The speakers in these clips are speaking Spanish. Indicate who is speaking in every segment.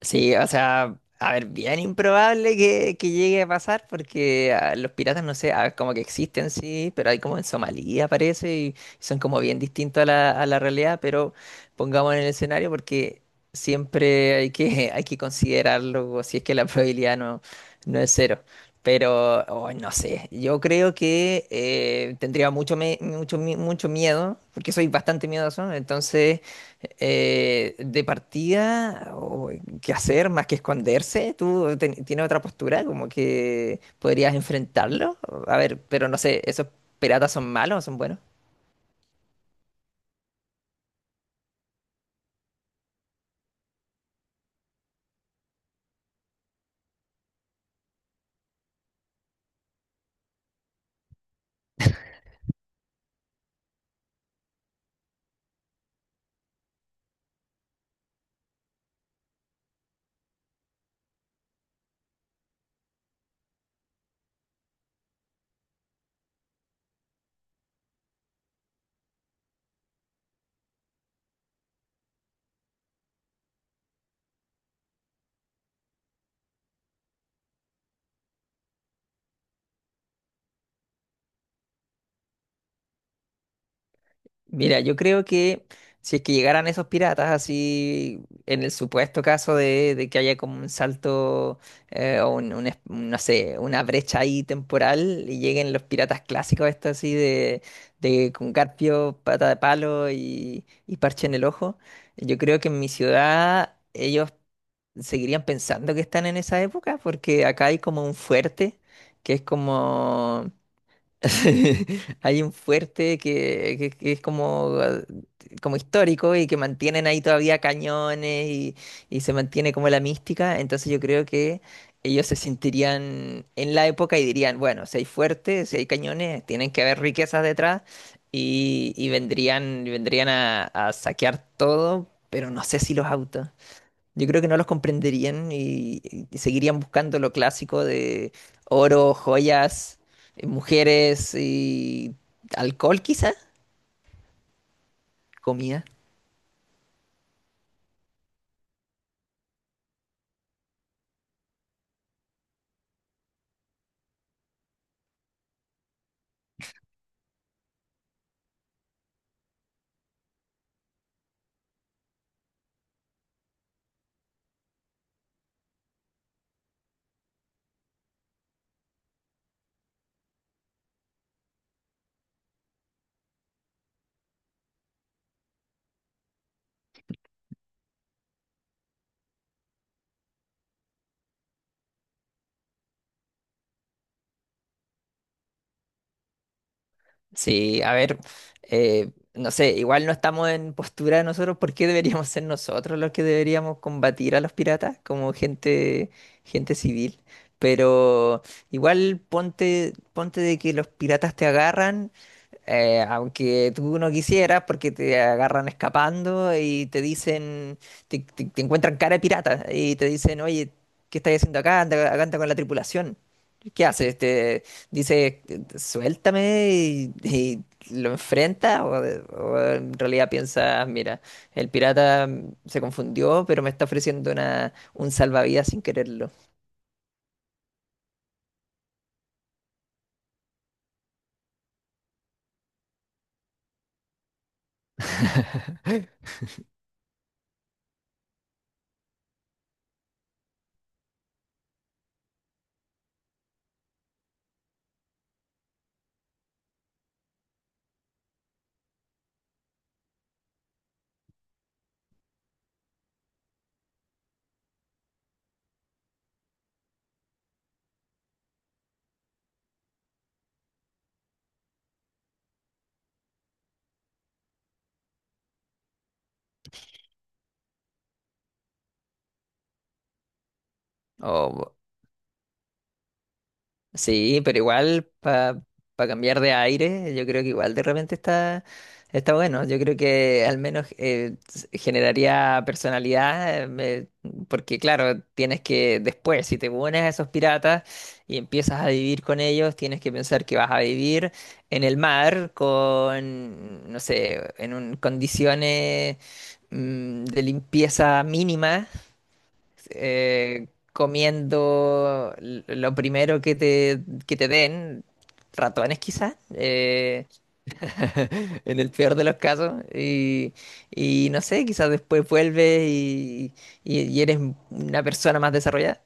Speaker 1: Sí, o sea, a ver, bien improbable que llegue a pasar porque los piratas, no sé, ah, como que existen, sí, pero hay como en Somalia, parece, y son como bien distintos a la realidad, pero pongamos en el escenario porque siempre hay que, hay que considerarlo, o si es que la probabilidad no es cero. Pero, oh, no sé, yo creo que tendría mucho, mucho, mucho miedo, porque soy bastante miedoso. Entonces de partida, o ¿qué hacer más que esconderse? ¿Tú tienes otra postura como que podrías enfrentarlo? A ver, pero no sé, ¿esos piratas son malos o son buenos? Mira, yo creo que si es que llegaran esos piratas así, en el supuesto caso de que haya como un salto, o un no sé, una brecha ahí temporal, y lleguen los piratas clásicos estos así de con garfio, pata de palo y parche en el ojo, yo creo que en mi ciudad ellos seguirían pensando que están en esa época, porque acá hay como un fuerte que es como... Hay un fuerte que es como, ah, como histórico, y que mantienen ahí todavía cañones, y se mantiene como la mística. Entonces yo creo que ellos se sentirían en la época y dirían, bueno, si hay fuertes, si hay cañones, tienen que haber riquezas detrás, y vendrían, vendrían a saquear todo, pero no sé si los autos. Yo creo que no los comprenderían, y seguirían buscando lo clásico de oro, joyas, mujeres y alcohol, quizá, comida. Sí, a ver, no sé, igual no estamos en postura de nosotros. ¿Por qué deberíamos ser nosotros los que deberíamos combatir a los piratas como gente, gente civil? Pero igual ponte, ponte de que los piratas te agarran. Aunque tú no quisieras, porque te agarran escapando y te dicen, te, te encuentran cara de pirata y te dicen, oye, ¿qué estás haciendo acá? Anda, acá anda con la tripulación. ¿Qué haces? Te dice, suéltame, y lo enfrentas, o en realidad piensas, mira, el pirata se confundió, pero me está ofreciendo una, un salvavidas sin quererlo. Sí, pero igual para cambiar de aire, yo creo que igual de repente está, está bueno. Yo creo que al menos generaría personalidad, porque claro, tienes que después, si te unes a esos piratas y empiezas a vivir con ellos, tienes que pensar que vas a vivir en el mar con, no sé, condiciones de limpieza mínima, comiendo lo primero que te den, ratones quizás, en el peor de los casos, y no sé, quizás después vuelves y, y eres una persona más desarrollada.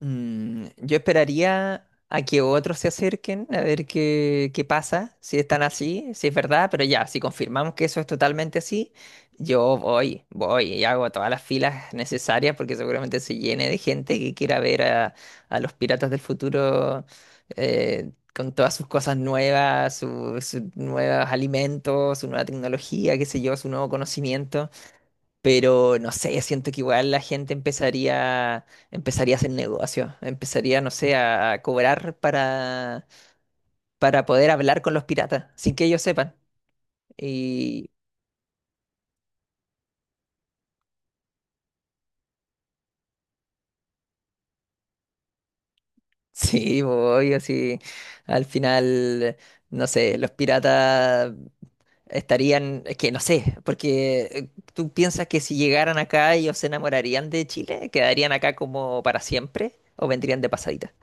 Speaker 1: Mm, yo esperaría a que otros se acerquen a ver qué, qué pasa, si están así, si es verdad, pero ya, si confirmamos que eso es totalmente así, yo voy, voy y hago todas las filas necesarias, porque seguramente se llene de gente que quiera ver a los piratas del futuro, con todas sus cosas nuevas, sus nuevos alimentos, su nueva tecnología, qué sé yo, su nuevo conocimiento. Pero no sé, siento que igual la gente empezaría, empezaría a hacer negocio, empezaría, no sé, a cobrar para poder hablar con los piratas, sin que ellos sepan. Y sí, voy así, al final, no sé, los piratas estarían, es que no sé, porque tú piensas que si llegaran acá ellos se enamorarían de Chile, quedarían acá como para siempre o vendrían de pasadita.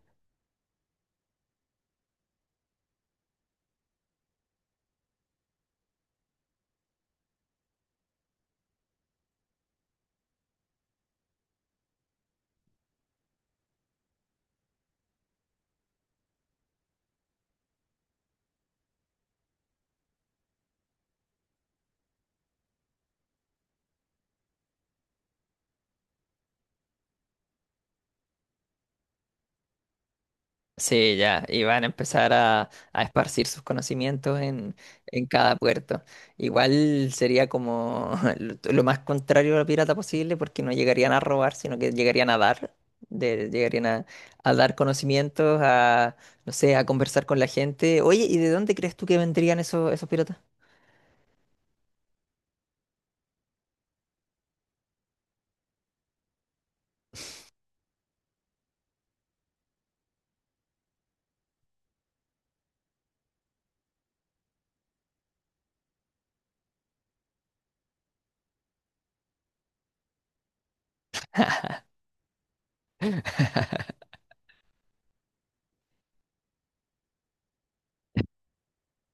Speaker 1: Sí, ya, y van a empezar a esparcir sus conocimientos en cada puerto. Igual sería como lo más contrario a lo pirata posible, porque no llegarían a robar, sino que llegarían a dar, llegarían a dar conocimientos, a, no sé, a conversar con la gente. Oye, ¿y de dónde crees tú que vendrían esos, esos piratas?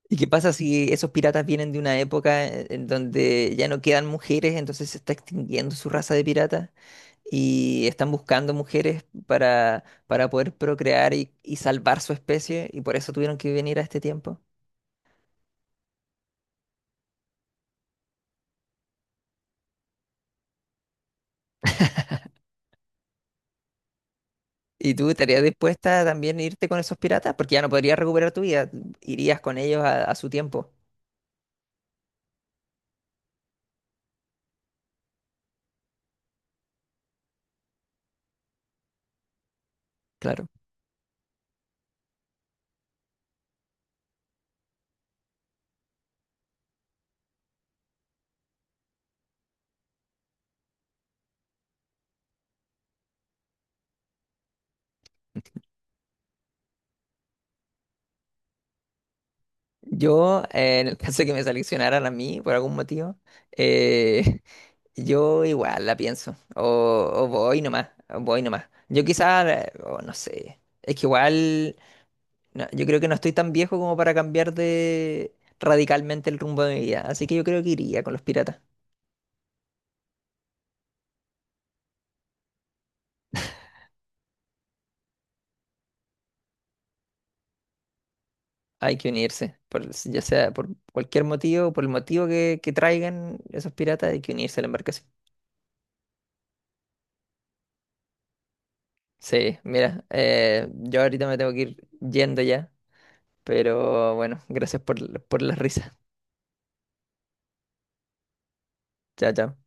Speaker 1: ¿Y qué pasa si esos piratas vienen de una época en donde ya no quedan mujeres, entonces se está extinguiendo su raza de piratas? Y están buscando mujeres para poder procrear y salvar su especie, y por eso tuvieron que venir a este tiempo. ¿Y tú estarías dispuesta también a irte con esos piratas? Porque ya no podrías recuperar tu vida, irías con ellos a su tiempo, claro. Yo, en el caso de que me seleccionaran a mí por algún motivo, eh, yo igual la pienso, o voy nomás, o voy nomás. Yo quizás, o no sé, es que igual... No, yo creo que no estoy tan viejo como para cambiar de radicalmente el rumbo de mi vida, así que yo creo que iría con los piratas. Hay que unirse, ya sea por cualquier motivo, por el motivo que traigan esos piratas, hay que unirse a la embarcación. Sí, mira, yo ahorita me tengo que ir yendo ya, pero bueno, gracias por las risas. Chao, chao.